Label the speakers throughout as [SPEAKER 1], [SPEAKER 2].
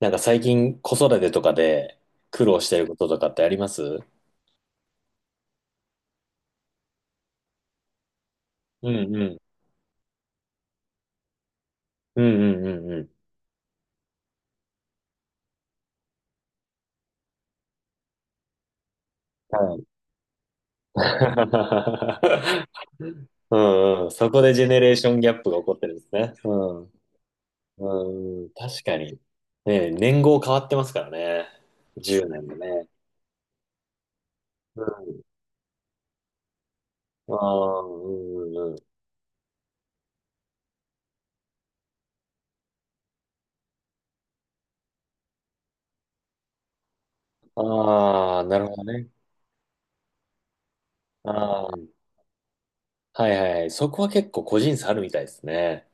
[SPEAKER 1] なんか最近子育てとかで苦労してることとかってありますうんうん。うんうんうんうん。はい。うんうん。そこでジェネレーションギャップが起こってるんですね。うん。うんうん確かに。ね、年号変わってますからね。10年でねんもね。うん。ああ、うんうんうん。ああ、なるほどね。ああ。はいはいはい。そこは結構個人差あるみたいですね。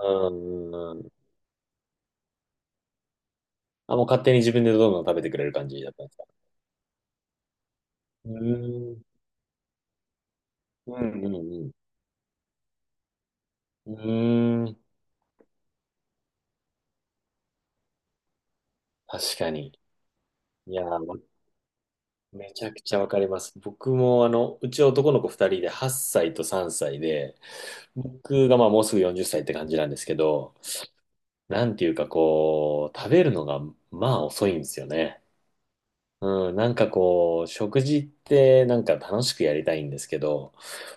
[SPEAKER 1] うんうんうん。あ、もう勝手に自分でどんどん食べてくれる感じだったんですか？うーん、うん、うん、うん。うーん、確かに。いやー、わめちゃくちゃわかります。僕も、うち男の子2人で8歳と3歳で、僕がまあもうすぐ40歳っさいって感じなんですけど、なんていうかこう、食べるのがまあ遅いんですよね。うん、なんかこう、食事ってなんか楽しくやりたいんですけど、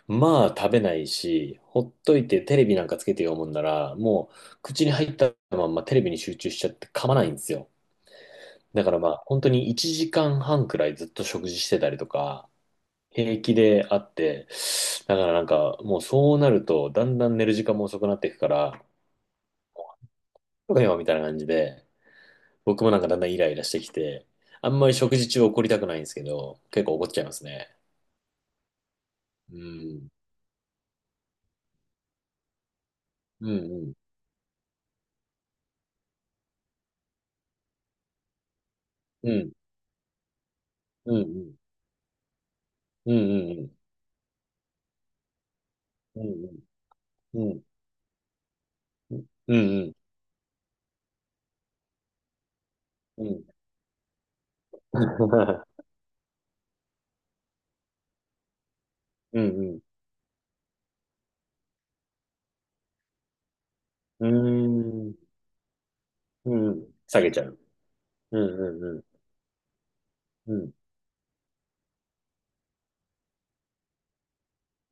[SPEAKER 1] まあ食べないし、ほっといてテレビなんかつけて読むんなら、もう口に入ったまんまテレビに集中しちゃって噛まないんですよ。だからまあ、本当に1時間半くらいずっと食事してたりとか、平気であって、だからなんか、もうそうなると、だんだん寝る時間も遅くなっていくから、とか今みたいな感じで、僕もなんかだんだんイライラしてきて、あんまり食事中怒りたくないんですけど、結構怒っちゃいますね。うん。うん、うん、うん、うん、うん、うん、うん、うん、うん、うん、うん、うん、うん、うん、うん、うん、うん下げちゃう。うん、うん、うん、うん、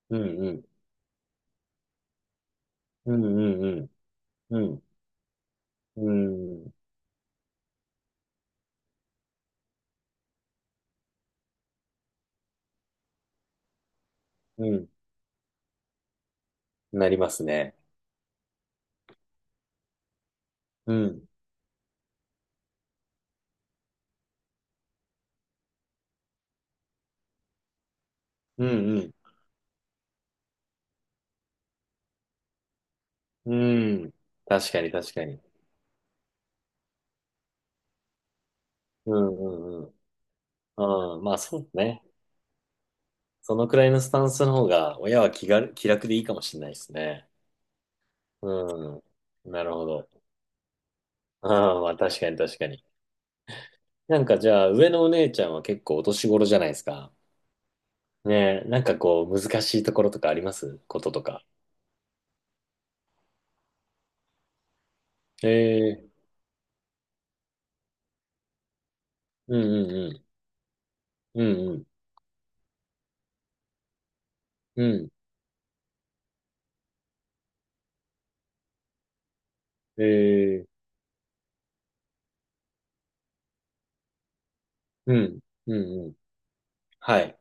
[SPEAKER 1] うん、うん、うんうんうん。うん。うん。うんなりますね。うん。うんうん。うん。確かに確かに。うんうんうん。うん。まあそうね。そのくらいのスタンスの方が、親は気が、気楽でいいかもしれないですね。うん。なるほど。ああまあ確かに確かに。なんかじゃあ、上のお姉ちゃんは結構お年頃じゃないですか。ねえ、なんかこう、難しいところとかありますこととか。ええうんうんうん。うんうん。うん。ええうん、うん、うん。はい。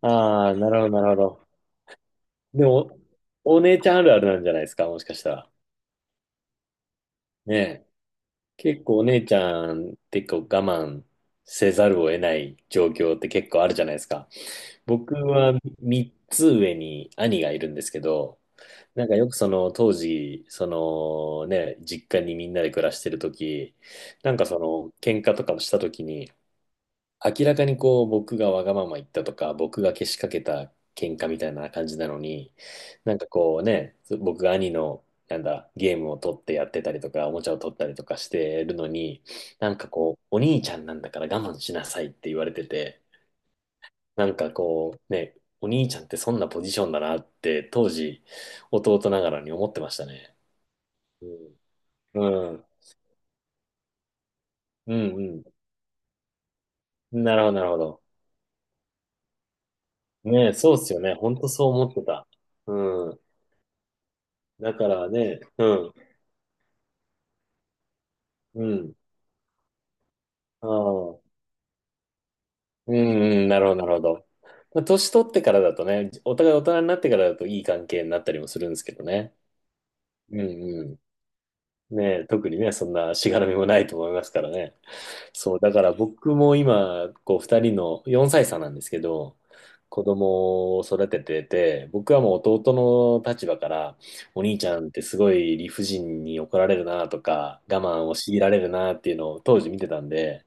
[SPEAKER 1] ああ、なるほど、なるほど。でも、お姉ちゃんあるあるなんじゃないですか、もしかしたら。ねえ。結構お姉ちゃんってこう我慢せざるを得ない状況って結構あるじゃないですか。僕は3つ上に兄がいるんですけど、なんかよくその当時、そのね、実家にみんなで暮らしてる時、なんかその喧嘩とかもした時に、明らかにこう僕がわがまま言ったとか僕がけしかけた喧嘩みたいな感じなのに、なんかこうね、僕が兄のなんだゲームを取ってやってたりとかおもちゃを取ったりとかしてるのに、なんかこうお兄ちゃんなんだから我慢しなさいって言われてて、なんかこうね、お兄ちゃんってそんなポジションだなって当時弟ながらに思ってましたね。うん。うん。うんうん。なるほど、なるほど。ねえ、そうっすよね。ほんとそう思ってた。うん。だからね、うん、うん、ああ、うん、うん、なるほど、なるほど。まあ、年取ってからだとね、お互い大人になってからだといい関係になったりもするんですけどね。うん、うん。ねえ、特にね、そんなしがらみもないと思いますからね。そう、だから僕も今、こう、二人の4歳差なんですけど、子供を育ててて、僕はもう弟の立場から、お兄ちゃんってすごい理不尽に怒られるなとか、我慢を強いられるなっていうのを当時見てたんで、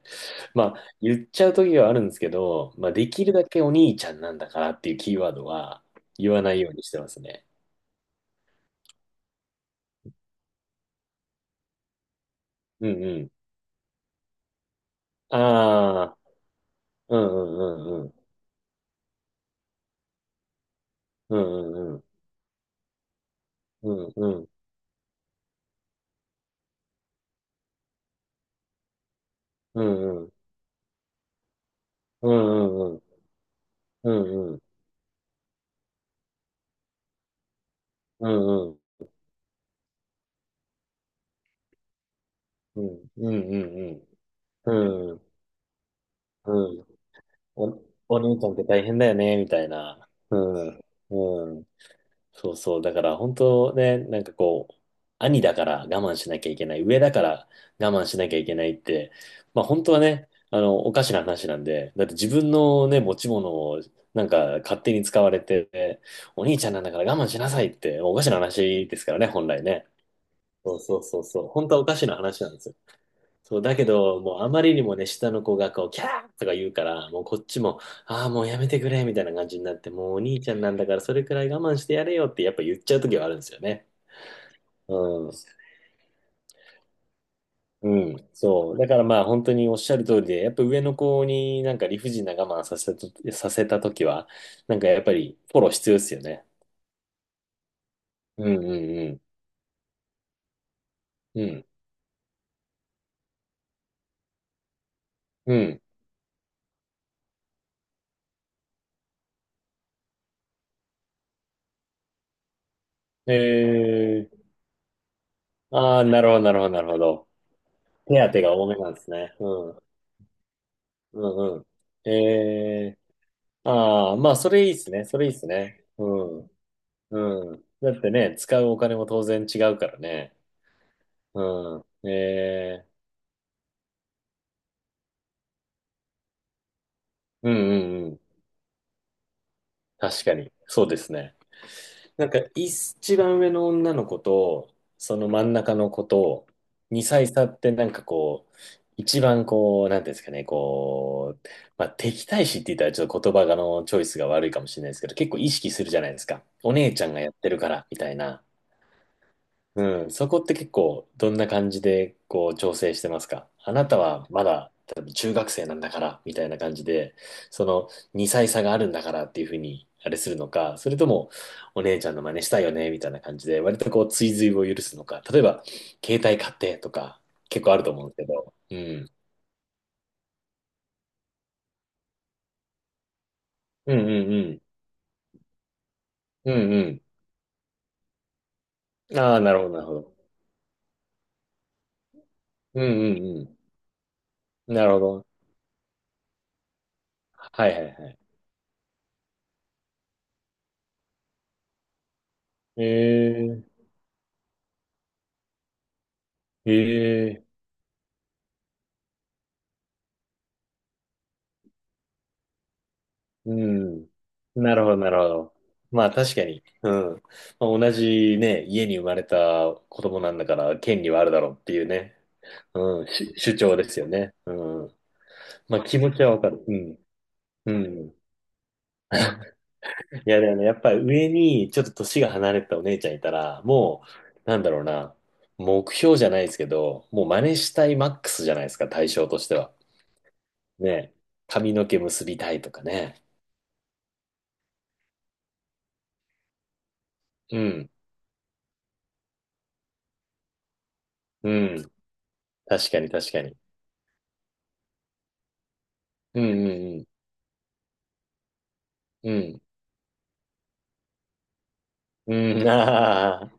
[SPEAKER 1] まあ、言っちゃう時はあるんですけど、まあ、できるだけお兄ちゃんなんだからっていうキーワードは言わないようにしてますね。うんうん。ああ、うんうんうんうんうんうん。うんうん。うんうん。うんうん。うんうん。うんうんうん。うん。お、お兄ちゃんって大変だよね、みたいな。うん。うん。そうそう。だから本当ね、なんかこう、兄だから我慢しなきゃいけない、上だから我慢しなきゃいけないって、まあ本当はね、おかしな話なんで、だって自分のね、持ち物をなんか勝手に使われて、お兄ちゃんなんだから我慢しなさいって、おかしな話ですからね、本来ね。そうそうそうそう。本当はおかしな話なんですよ。そう、だけど、もうあまりにもね、下の子がこう、キャーとか言うから、もうこっちも、ああ、もうやめてくれ、みたいな感じになって、もうお兄ちゃんなんだから、それくらい我慢してやれよって、やっぱ言っちゃう時はあるんですよね。うん。うん。そう。だからまあ、本当におっしゃる通りで、やっぱ上の子になんか理不尽な我慢させた、させた時は、なんかやっぱりフォロー必要ですよね。うんうんうん。うん。うん。えー、ああ、なるほど、なるほど、なるほど。手当てが多めなんですね。うん。うんうん。えーああ、まあ、それいいっすね。それいいっすね。うん。うん。だってね、使うお金も当然違うからね。うん。ええうんうんうん。確かに。そうですね。なんか、一番上の女の子と、その真ん中の子と、2歳差ってなんかこう、一番こう、なんていうんですかね、こう、まあ、敵対視って言ったらちょっと言葉がのチョイスが悪いかもしれないですけど、結構意識するじゃないですか。お姉ちゃんがやってるから、みたいな。うん、そこって結構どんな感じでこう調整してますか？あなたはまだ多分中学生なんだからみたいな感じで、その2歳差があるんだからっていうふうにあれするのか、それともお姉ちゃんの真似したいよねみたいな感じで割とこう追随を許すのか、例えば携帯買ってとか結構あると思うんですけど、うん。うんうんうん。うんうん。ああ、なるほどなるほど。うんうんうん。なるほど。はいはいはい。ええええうん。なるほど、なるほど。まあ確かに。うん。まあ、同じね、家に生まれた子供なんだから権利はあるだろうっていうね。うん。し主張ですよね。うん。まあ気持ちはわかる。うん。うん。いやでもね、やっぱり上にちょっと年が離れたお姉ちゃんいたら、もう、なんだろうな。目標じゃないですけど、もう真似したいマックスじゃないですか、対象としては。ね。髪の毛結びたいとかね。うん。うん。確かに確かに。うんうんうん。うん。あ